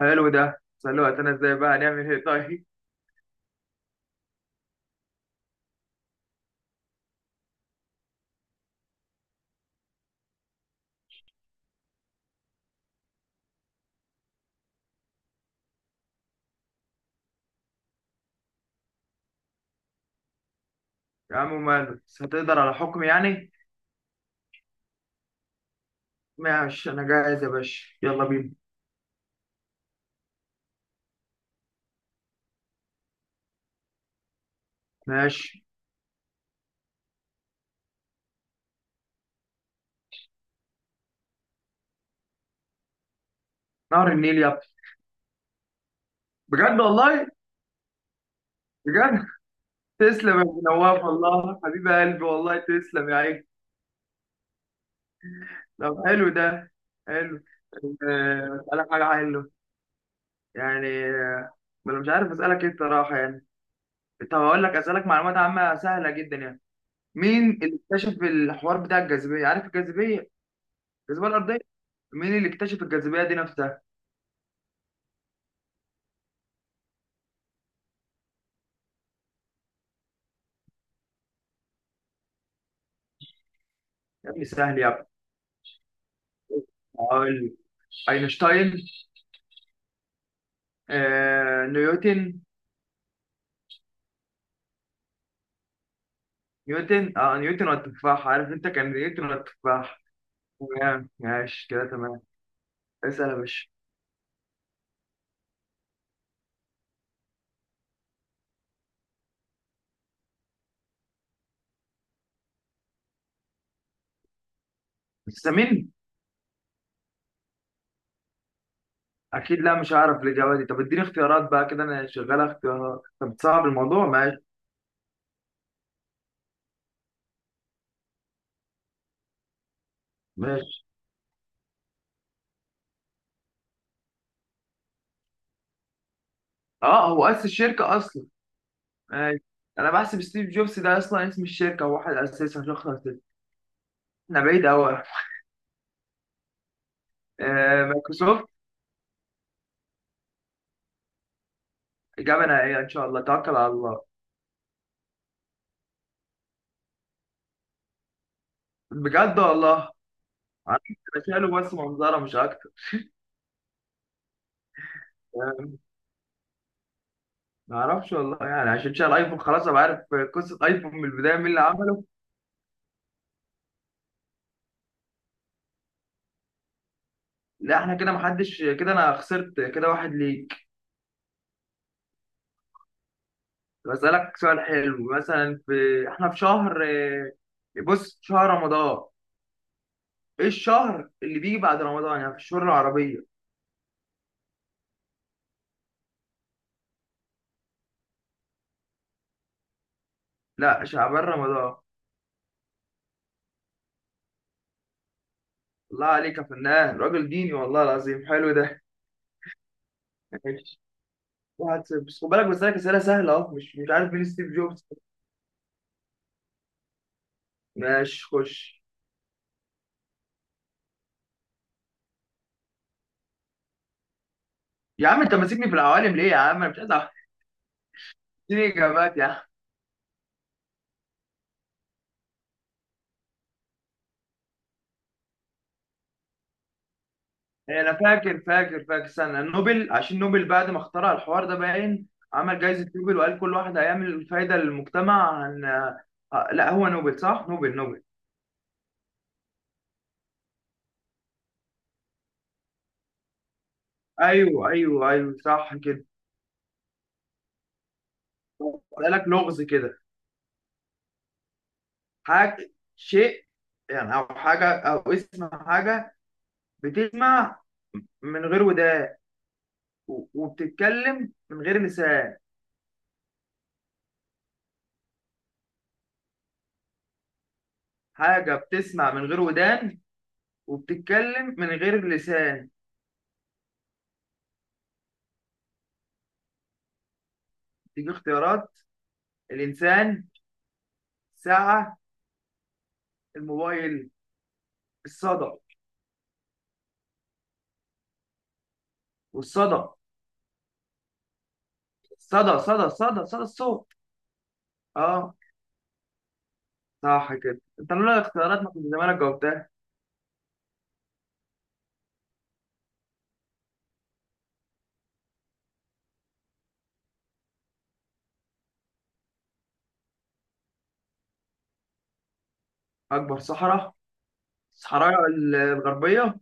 حلو ده سألوه. انا ازاي بقى؟ هنعمل ايه؟ طيب يا عم ماله، بس هتقدر على حكم يعني؟ ماشي، انا جاهز يا باشا، يلا بينا. ماشي، نهر النيل يا ابني. بجد والله. بجد. تسلم يا ابو نواف والله، حبيب قلبي والله، تسلم يا عيني. طب حلو ده. حلو. اسالك حاجه حلوه. يعني ما انا مش عارف اسالك ايه الصراحه يعني. طب هقول لك، اسالك معلومات عامه سهله جدا يعني. مين اللي اكتشف الحوار بتاع الجاذبيه؟ عارف الجاذبيه؟ الجاذبيه الارضيه. مين اللي اكتشف الجاذبية دي نفسها؟ يا ابني سهل يا ابني. أقول لك. أينشتاين. نيوتن. نيوتن والتفاح، عارف انت، كان نيوتن والتفاح. تمام، ماشي كده، تمام. اسأل يا باشا. السمين. أكيد لا، مش هعرف الإجابة دي. طب اديني اختيارات بقى كده، أنا شغال اختيارات. طب تصعب الموضوع، ماشي. ماشي، اه، هو أسس الشركة أصلا. ماشي. أنا بحسب ستيف جوبز ده أصلا اسم الشركة، هو واحد أسسها، شخص أسسها. احنا بعيد أوي. مايكروسوفت. إجابة نهائية إن شاء الله، توكل على الله. بجد والله. عارف. انا شايله بس منظره، مش اكتر. ما اعرفش والله يعني، عشان شايل ايفون خلاص ابقى عارف قصه ايفون من البدايه مين اللي عمله. لا، احنا كده محدش، كده انا خسرت كده، واحد ليك. بسالك سؤال حلو، مثلا في، احنا في شهر، بص، شهر رمضان. ايه الشهر اللي بيجي بعد رمضان يعني، في الشهور العربيه؟ لا، شعبان رمضان. الله عليك يا فنان، راجل ديني والله العظيم، حلو ده. ماشي. 1-0. بس خد بالك، بسالك اسئله سهله اهو، مش عارف مين ستيف جوبز. ماشي خش. يا عم انت ماسكني في العوالم ليه يا عم، انا مش عايز أعرف. اديني اجابات يا عم. إيه، انا فاكر فاكر فاكر، استنى. نوبل، عشان نوبل بعد ما اخترع الحوار ده باين، عمل جائزة نوبل، وقال كل واحد هيعمل فايدة للمجتمع عن. لا، هو نوبل صح، نوبل نوبل. ايوه ايوه ايوه، صح كده. قال لك لغز كده. حاجة، شيء يعني، او حاجة، او اسم حاجة. بتسمع من غير ودان، وبتتكلم من غير لسان. حاجة بتسمع من غير ودان، وبتتكلم من غير لسان. تيجي اختيارات. الإنسان. ساعة. الموبايل. الصدى. والصدى، صدى الصوت. اه، صح كده، انت لولا الاختيارات ما كنت زمانك جاوبتها. أكبر صحراء. الصحراء الغربية.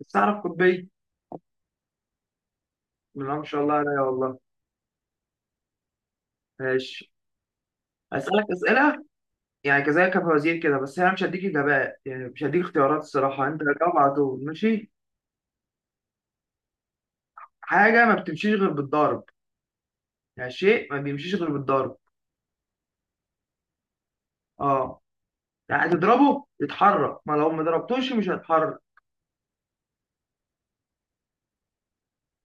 الصحراء القطبية. لا، ما شاء الله عليا والله. ماشي. أسألك أسئلة يعني، كذلك فوازير كده، بس أنا مش هديك إجابات يعني، مش هديك اختيارات الصراحة، أنت هتجاوب على طول ماشي. حاجة ما بتمشيش غير بالضرب. يعني شيء ما بيمشيش غير بالضرب. اه. يعني تضربه يتحرك، ما لو ما ضربتوش مش هيتحرك.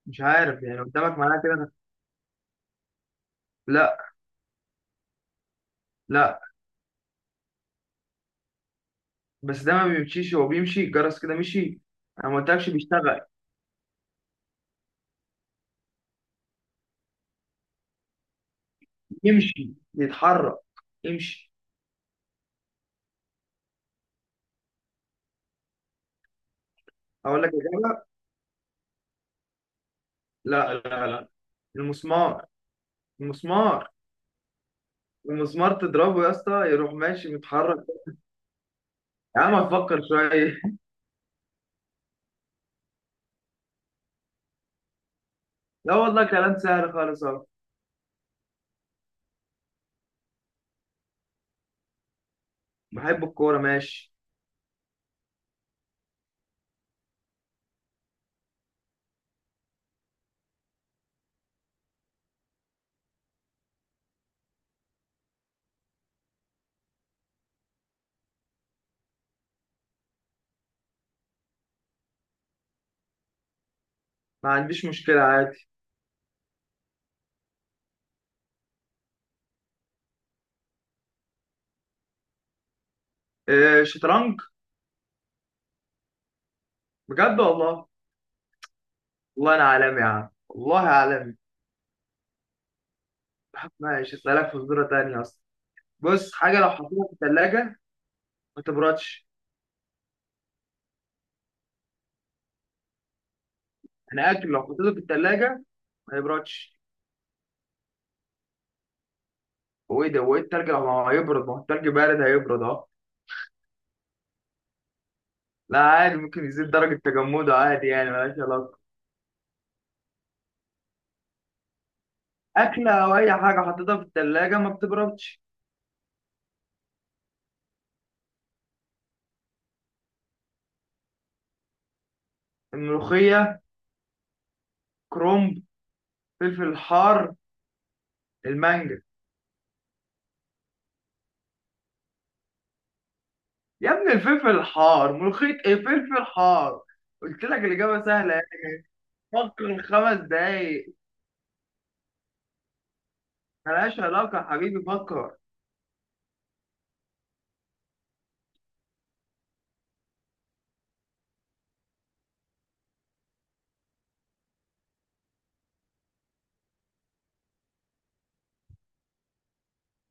مش عارف يعني، قدامك، معناها كده ده. لا لا. بس ده ما بيمشيش، هو بيمشي، الجرس كده مشي. انا ما قلتلكش بيشتغل. يمشي يتحرك، يمشي. اقول لك اجابه. لا لا لا. المسمار. المسمار. المسمار تضربه يا اسطى، يروح ماشي متحرك. يا عم افكر شويه لا والله كلام سهل خالص اهو. بحب الكوره ماشي. ما عنديش مشكله عادي. إيه، شطرنج. بجد والله. والله انا عالمي يا عم، والله عالمي. ماشي، اسالك فزوره تانية اصلا. بص، حاجه لو حطيتها في الثلاجه ما تبردش. انا اكل لو حطيته في الثلاجه ما يبردش. هو ايه التلج لو ما هيبرد؟ ما هو التلج بارد، هيبرد اه. لا عادي، ممكن يزيد درجه تجمده عادي يعني، ملهاش علاقه. اكله او اي حاجه حطيتها في الثلاجه ما بتبردش. الملوخيه. كرومب. فلفل حار. المانجا. يا ابني الفلفل الحار، ملوخيه ايه فلفل حار. قلت لك الاجابه سهله. فكر 5 دقايق. ملهاش علاقة يا حبيبي، فكر.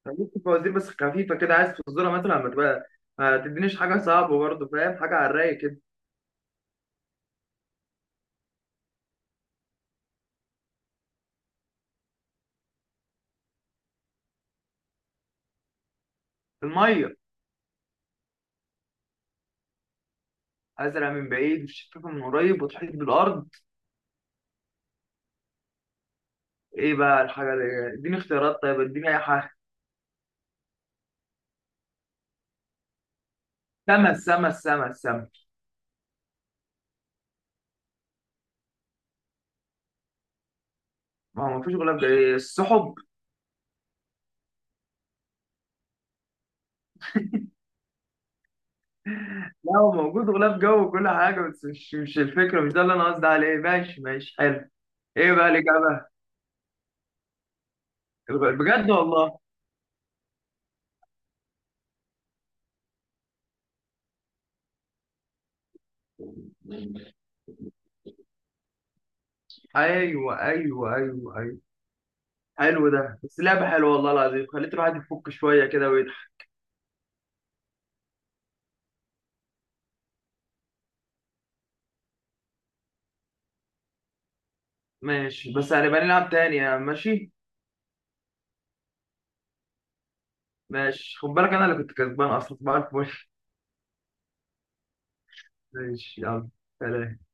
ممكن فوازير بس خفيفة كده، عايز تصدرها مثلا، ما تبقى ما تدينيش حاجة صعبة برضه، فاهم، حاجة على الرايق كده. المية. أزرع من بعيد والشفافة من قريب، وتحيط بالأرض. إيه بقى الحاجة اللي، إديني اختيارات طيب، إديني أي حاجة. سما السما السما السما. ما هو مفيش غلاف جوي، السحب. لا، هو موجود غلاف جو وكل حاجة، بس مش الفكرة، مش ده اللي أنا قصدي عليه، ماشي ماشي، حلو. إيه بقى الإجابة؟ بجد والله. أيوه أيوه أيوه أيوه. حلو ده، بس لعبة حلوة والله العظيم، خليت الواحد يفك شوية كده ويضحك. ماشي، بس هنبقى نلعب تاني يعني، ماشي. ماشي، خد بالك أنا اللي كنت كسبان أصلا، بعرف ماشي. ماشي يلا. سلام.